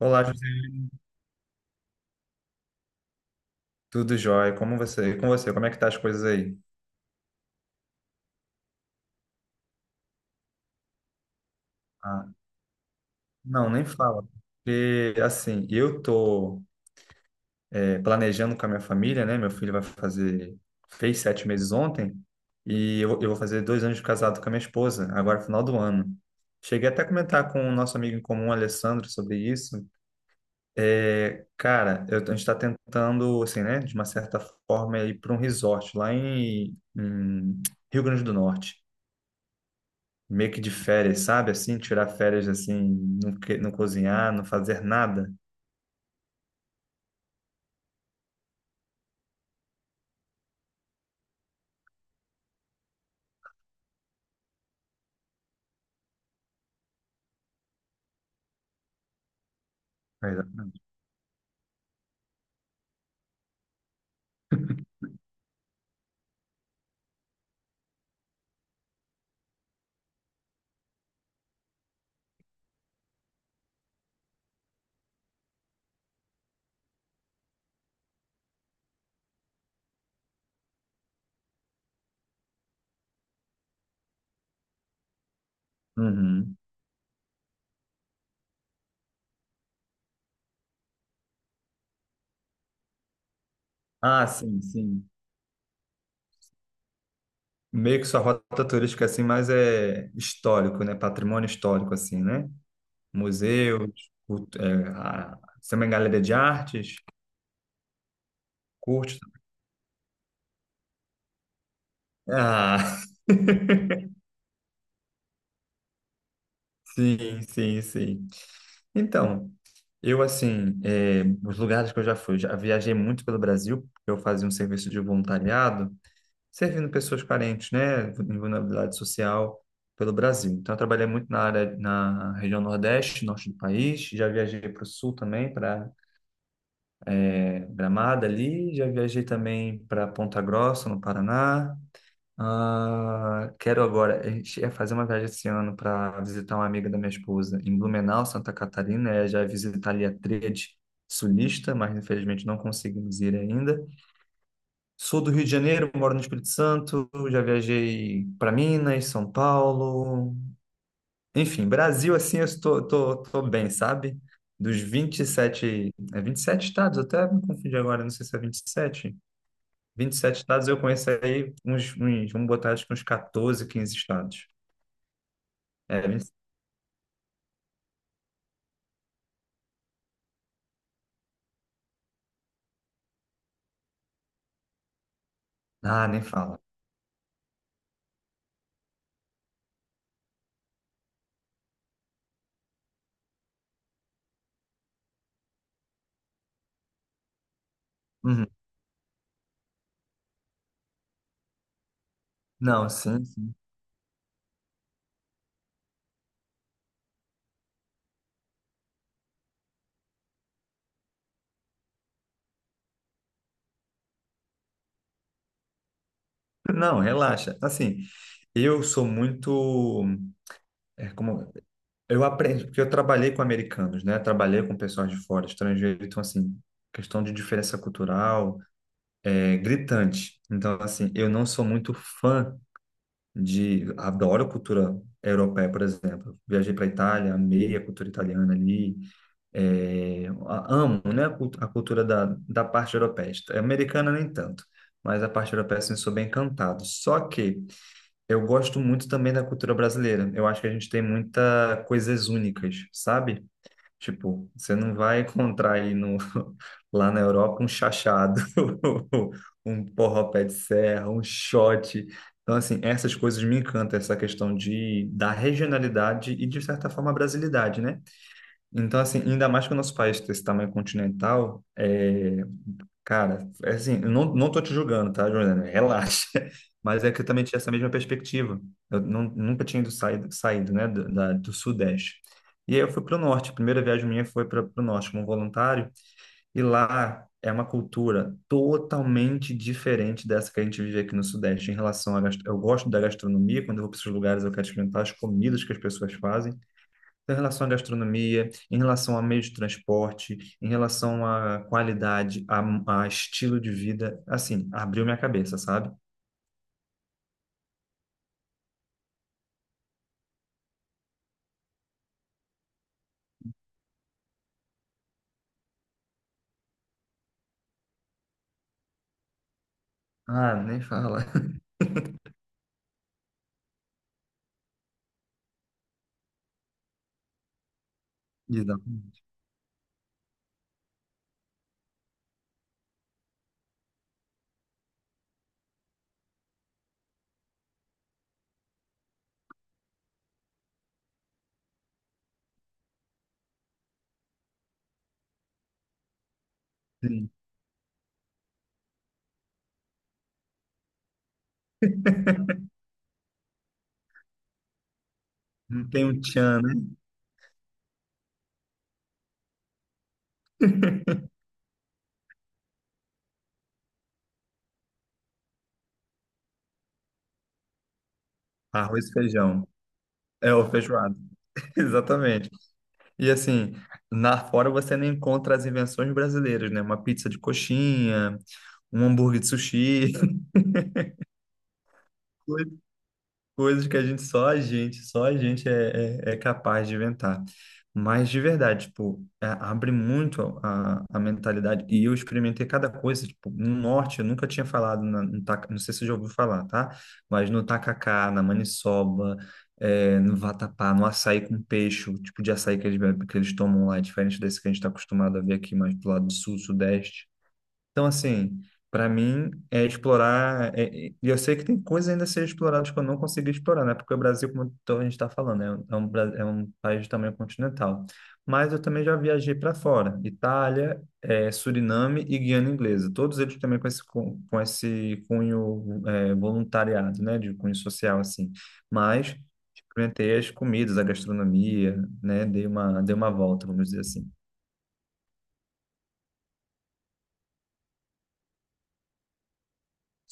Olá, José. Tudo jóia? Como você? E com você? Como é que tá as coisas aí? Ah, não, nem fala. Porque, assim, eu tô planejando com a minha família, né? Meu filho vai fazer. Fez 7 meses ontem. E eu vou fazer 2 anos de casado com a minha esposa, agora final do ano. Cheguei até a comentar com o nosso amigo em comum, Alessandro, sobre isso. É, cara, a gente está tentando, assim, né? De uma certa forma, ir para um resort lá em Rio Grande do Norte. Meio que de férias, sabe? Assim, tirar férias assim, não, não cozinhar, não fazer nada. Exatamente. Uhum. Ah, sim, sim. Meio que sua rota turística assim, mas é histórico, né? Patrimônio histórico assim, né? Museus, você é uma galeria de artes, curte. Ah. Sim, sim, sim. Então, eu assim, os lugares que eu já fui, já viajei muito pelo Brasil, porque eu fazia um serviço de voluntariado servindo pessoas carentes, né, em vulnerabilidade social pelo Brasil. Então, eu trabalhei muito na área, na região Nordeste, Norte do país, já viajei para o Sul também, para Gramado ali, já viajei também para Ponta Grossa, no Paraná. Ah, quero agora, a gente ia fazer uma viagem esse ano para visitar uma amiga da minha esposa em Blumenau, Santa Catarina, é, já visitar ali a tríade sulista, mas infelizmente não conseguimos ir ainda. Sou do Rio de Janeiro, moro no Espírito Santo, já viajei para Minas, São Paulo. Enfim, Brasil, assim, eu tô bem, sabe? Dos 27, é 27 estados, eu até me confundi agora, não sei se é vinte e sete, 27 estados eu conheço aí uns vamos botar acho que uns 14, 15 estados. É, 20 ah, nem fala. Uhum. Não, sim, sim. Não, relaxa. Assim, eu sou muito, é, como, eu aprendi, porque eu trabalhei com americanos, né? Trabalhei com pessoas de fora, estrangeiros. Então, assim, questão de diferença cultural é gritante. Então, assim, eu não sou muito fã de. Adoro cultura europeia, por exemplo. Viajei para a Itália, amei a cultura italiana ali, amo, né? A cultura da parte europeia. Americana, nem tanto. Mas a parte europeia, assim, sou bem encantado. Só que eu gosto muito também da cultura brasileira. Eu acho que a gente tem muitas coisas únicas, sabe? Tipo, você não vai encontrar aí no, lá na Europa um chachado, um porró-pé de serra, um shot. Então, assim, essas coisas me encantam, essa questão da regionalidade e, de certa forma, a brasilidade, né? Então, assim, ainda mais que o nosso país tem esse tamanho continental. Cara, é assim, eu não tô te julgando, tá, Juliana? Relaxa. Mas é que eu também tinha essa mesma perspectiva. Eu não, nunca tinha saído, né, do Sudeste. E aí eu fui para o Norte. A primeira viagem minha foi para o Norte como voluntário. E lá é uma cultura totalmente diferente dessa que a gente vive aqui no Sudeste em relação à gastro. Eu gosto da gastronomia. Quando eu vou para esses lugares, eu quero experimentar as comidas que as pessoas fazem. Então, em relação à gastronomia, em relação a meio de transporte, em relação à qualidade, a estilo de vida, assim, abriu minha cabeça, sabe? Ah, nem fala. Exato. Sim. Não tem um tchan, né? Arroz e feijão. É o feijoado. Exatamente. E assim, na fora você nem encontra as invenções brasileiras, né? Uma pizza de coxinha, um hambúrguer de sushi. Coisas que a gente só a gente, só a gente é, é, é capaz de inventar. Mas de verdade, tipo, abre muito a mentalidade. E eu experimentei cada coisa, tipo, no norte eu nunca tinha falado, na, no taca- não sei se você já ouviu falar, tá? Mas no tacacá, na maniçoba, no vatapá, no açaí com peixe, o tipo de açaí que que eles tomam lá, é diferente desse que a gente está acostumado a ver aqui mais do lado do sul, sudeste. Então, assim, para mim é explorar. E eu sei que tem coisas ainda a ser exploradas que eu não consegui explorar, né? Porque o Brasil, como então a gente está falando, é um país de tamanho continental. Mas eu também já viajei para fora: Itália, Suriname e Guiana Inglesa. Todos eles também com com esse cunho, voluntariado, né? De cunho social, assim. Mas experimentei as comidas, a gastronomia, né? Dei uma volta, vamos dizer assim.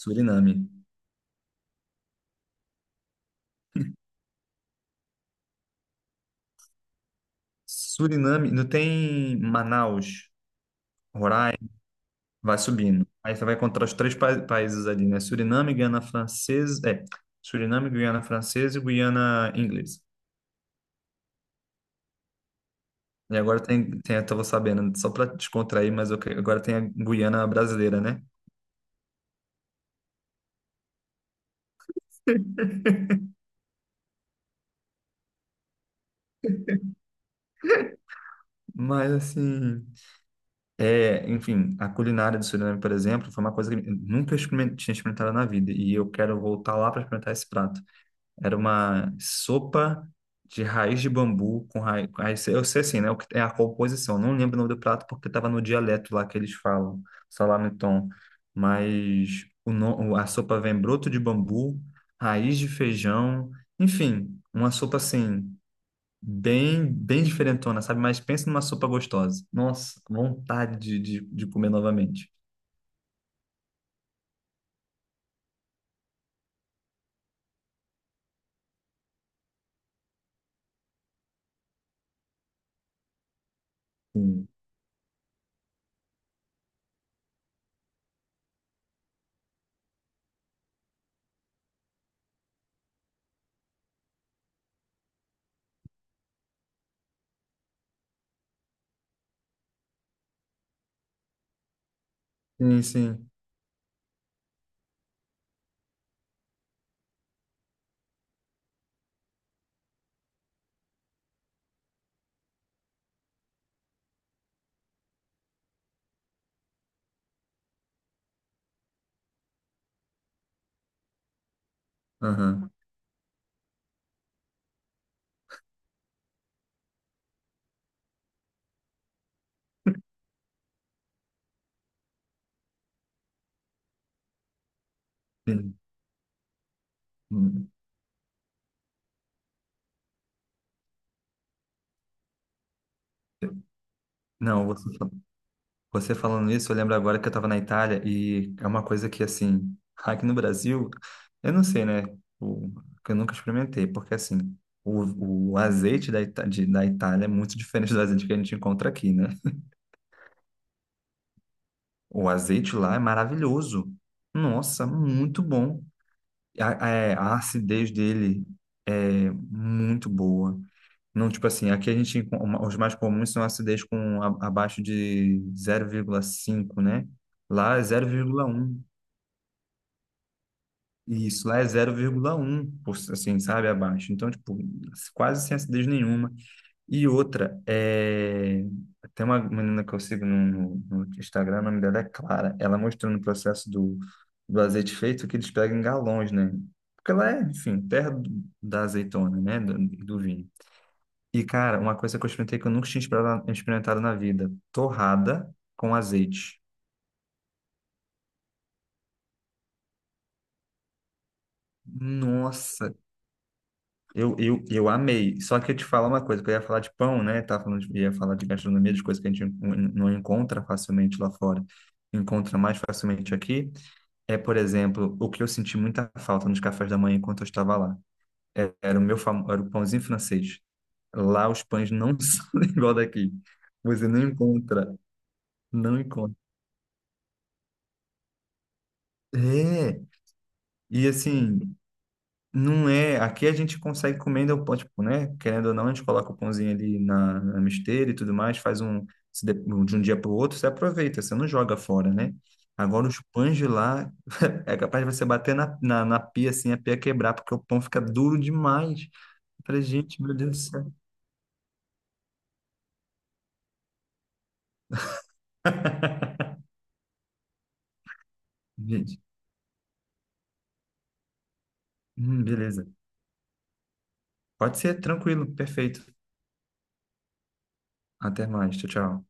Suriname. Suriname, não tem Manaus, Roraima, vai subindo. Aí você vai encontrar os três países ali, né? Suriname, Guiana Francesa, é, Suriname, Guiana Francesa e Guiana Inglesa. E agora eu tava sabendo, só para descontrair, mas agora tem a Guiana brasileira, né? Mas assim, é, enfim, a culinária do Suriname, por exemplo, foi uma coisa que eu nunca tinha experimentado na vida e eu quero voltar lá para experimentar esse prato. Era uma sopa de raiz de bambu com raiz. Eu sei assim, né? O que é a composição. Não lembro o nome do prato porque estava no dialeto lá que eles falam, salame-tom. Mas o, no- a sopa vem broto de bambu, raiz de feijão, enfim, uma sopa assim, bem, bem diferentona, sabe? Mas pensa numa sopa gostosa. Nossa, vontade de comer novamente. Sim, sim. Sim. Aham, sim. Hum. Não, você. Você falando isso, eu lembro agora que eu estava na Itália e é uma coisa que, assim, aqui no Brasil, eu não sei, né? O, que eu nunca experimentei, porque, assim, o azeite da, da Itália é muito diferente do azeite que a gente encontra aqui, né? O azeite lá é maravilhoso. Nossa, muito bom. A, é, a acidez dele é muito boa. Não, tipo assim, aqui a gente, os mais comuns são acidez com abaixo de 0,5, né? Lá é 0,1. Isso lá é 0,1, assim, sabe, abaixo. Então, tipo, quase sem acidez nenhuma. E outra, é. Tem uma menina que eu sigo no Instagram, o nome dela é Clara. Ela mostrou no processo do azeite feito que eles pegam em galões, né? Porque ela é, enfim, terra da azeitona, né? Do vinho. E, cara, uma coisa que eu experimentei que eu nunca tinha experimentado na vida: torrada com azeite. Nossa, Eu amei. Só que eu te falo uma coisa, que eu ia falar de pão, né? Tava falando ia falar de gastronomia, de coisas que a gente não encontra facilmente lá fora. Encontra mais facilmente aqui. É, por exemplo, o que eu senti muita falta nos cafés da manhã enquanto eu estava lá. Era o meu famo. Era o pãozinho francês. Lá os pães não são igual daqui. Você não encontra, não encontra. É. E assim, não é. Aqui a gente consegue comendo o pão, tipo, né? Querendo ou não, a gente coloca o pãozinho ali na misteira e tudo mais, faz um se de, um, de um dia para o outro, você aproveita, você não joga fora, né? Agora os pães de lá é capaz de você bater na pia assim, a pia quebrar, porque o pão fica duro demais. Eu falei, gente, meu Deus do céu. Gente, beleza. Pode ser, tranquilo, perfeito. Até mais, tchau, tchau.